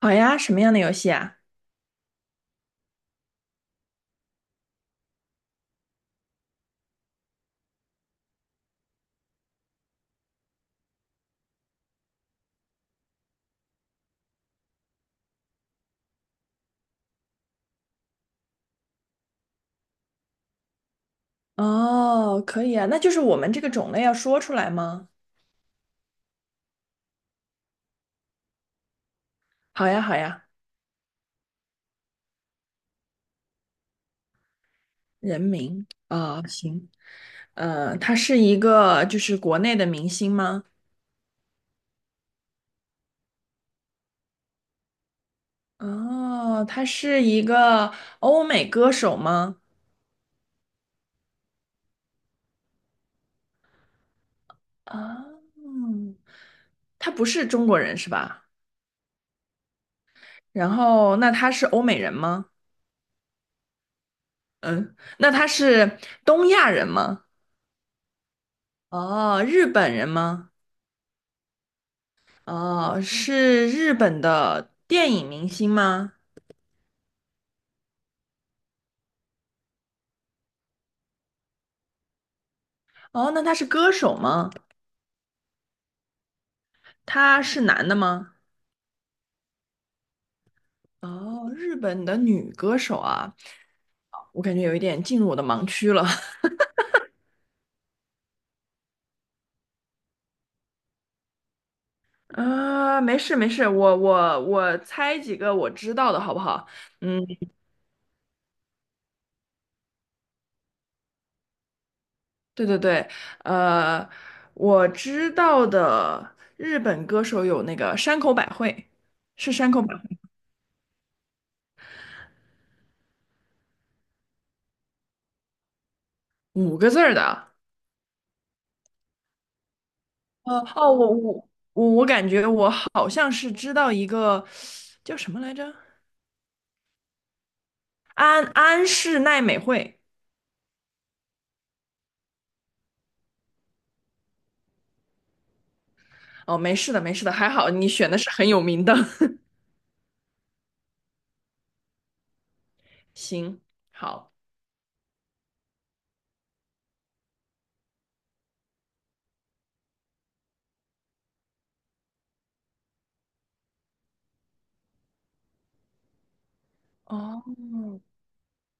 好呀，什么样的游戏啊？哦，可以啊，那就是我们这个种类要说出来吗？好呀，好呀，人名啊，行，他是一个就是国内的明星吗？哦，他是一个欧美歌手吗？啊，他不是中国人是吧？然后那他是欧美人吗？嗯，那他是东亚人吗？哦，日本人吗？哦，是日本的电影明星吗？哦，那他是歌手吗？他是男的吗？哦，日本的女歌手啊，我感觉有一点进入我的盲区了。啊，没事没事，我猜几个我知道的好不好？嗯，对对对，呃，我知道的日本歌手有那个山口百惠，是山口百惠，五个字儿的。呃，哦，我感觉我好像是知道一个叫什么来着，安室奈美惠。哦，没事的，没事的，还好你选的是很有名的。行，好，哦，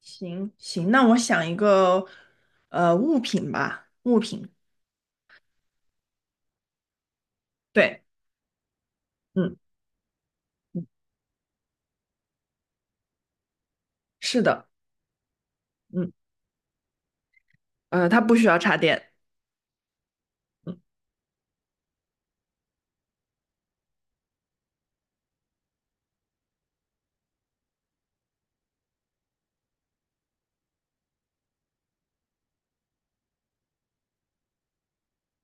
行行，那我想一个物品吧，物品，对，嗯，是的，嗯，呃，它不需要插电，嗯，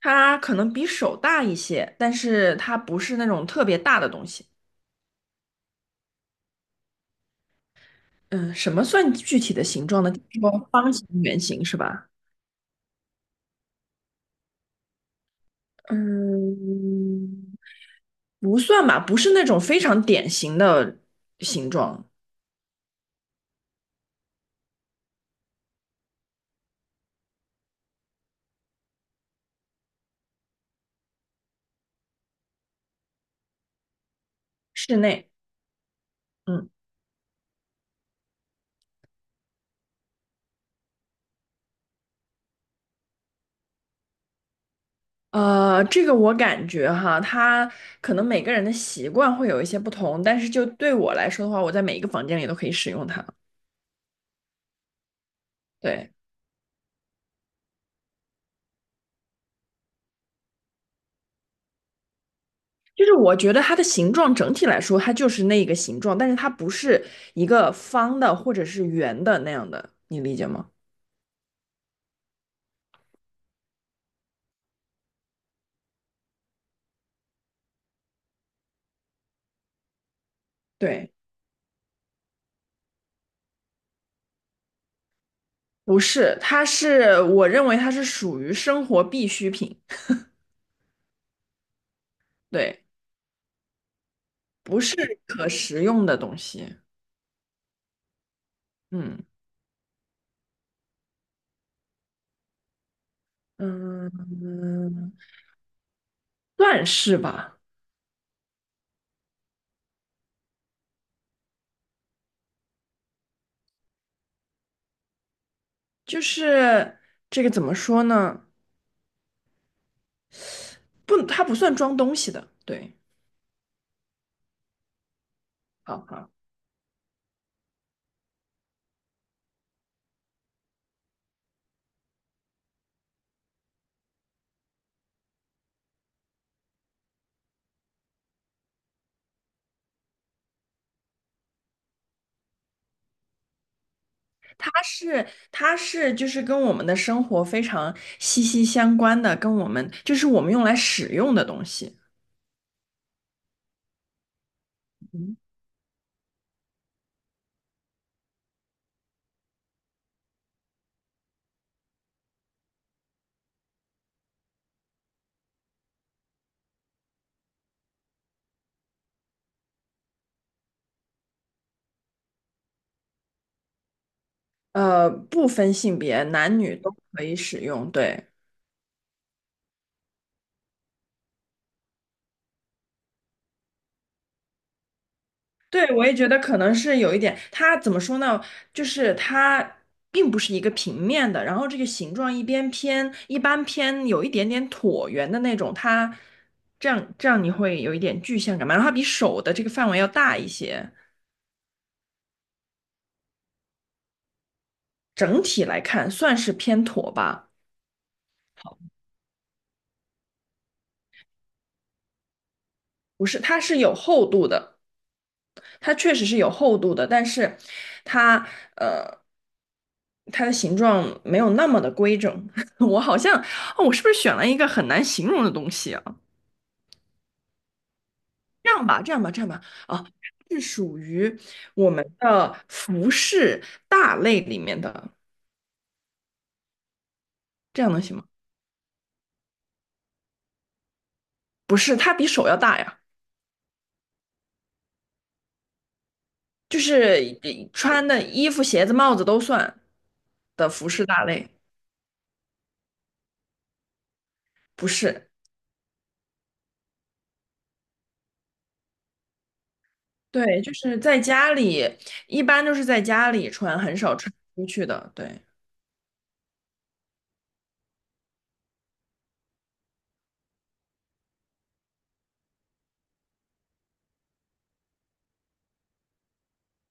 它可能比手大一些，但是它不是那种特别大的东西。嗯，什么算具体的形状呢？就是说方形、圆形是吧？嗯，不算吧，不是那种非常典型的形状。室内，嗯，这个我感觉哈，它可能每个人的习惯会有一些不同，但是就对我来说的话，我在每一个房间里都可以使用它。对，就是我觉得它的形状整体来说，它就是那个形状，但是它不是一个方的或者是圆的那样的，你理解吗？对。不是，它是我认为它是属于生活必需品，对，不是可食用的东西。嗯嗯，算是吧，就是这个怎么说呢？不，它不算装东西的，对。好好，它是它是就是跟我们的生活非常息息相关的，跟我们就是我们用来使用的东西。嗯不分性别，男女都可以使用，对。对，我也觉得可能是有一点，它怎么说呢？就是它并不是一个平面的，然后这个形状一边偏一般偏有一点点椭圆的那种，它这样你会有一点具象感嘛？然后它比手的这个范围要大一些，整体来看算是偏椭吧，不是，它是有厚度的。它确实是有厚度的，但是它呃，它的形状没有那么的规整。我好像，哦，我是不是选了一个很难形容的东西啊？这样吧，是属于我们的服饰大类里面的，这样能行吗？不是，它比手要大呀，就是穿的衣服、鞋子、帽子都算的服饰大类，不是。对，就是在家里，一般都是在家里穿，很少穿出去的。对，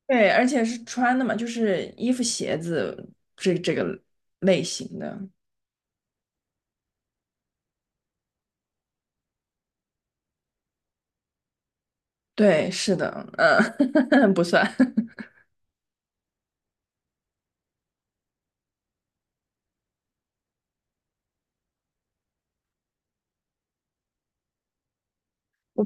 对，而且是穿的嘛，就是衣服、鞋子这个类型的。对，是的，嗯，不算，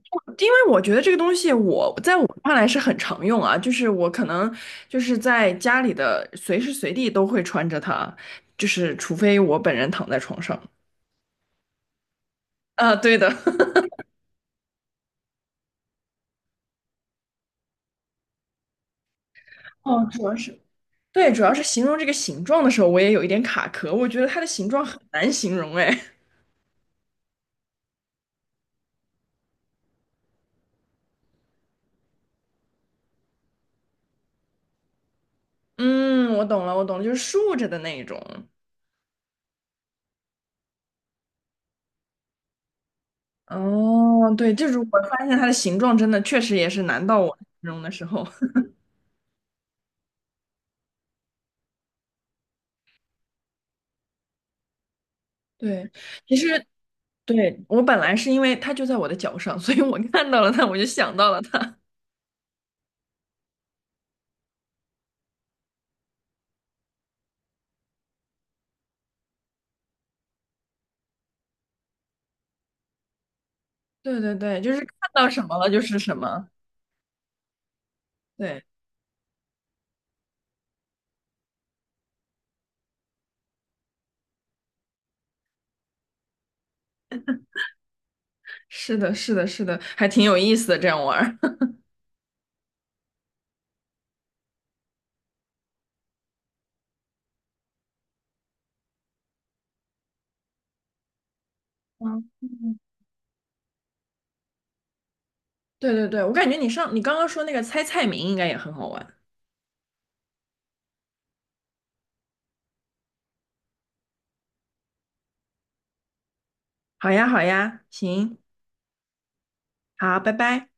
因为我觉得这个东西我在我看来是很常用啊，就是我可能就是在家里的随时随地都会穿着它，就是除非我本人躺在床上。啊，对的。哦，主要是。对，主要是形容这个形状的时候，我也有一点卡壳。我觉得它的形状很难形容，哎，嗯，我懂了，我懂了，就是竖着的那一种。哦，对，就是我发现它的形状真的确实也是难到我形容的时候。对，其实对我本来是因为它就在我的脚上，所以我看到了它，我就想到了它。对对对，就是看到什么了就是什么。对，是的，是的，是的，还挺有意思的，这样玩儿。嗯对对对，我感觉你刚刚说那个猜菜名应该也很好玩。好呀，好呀，行，好，拜拜。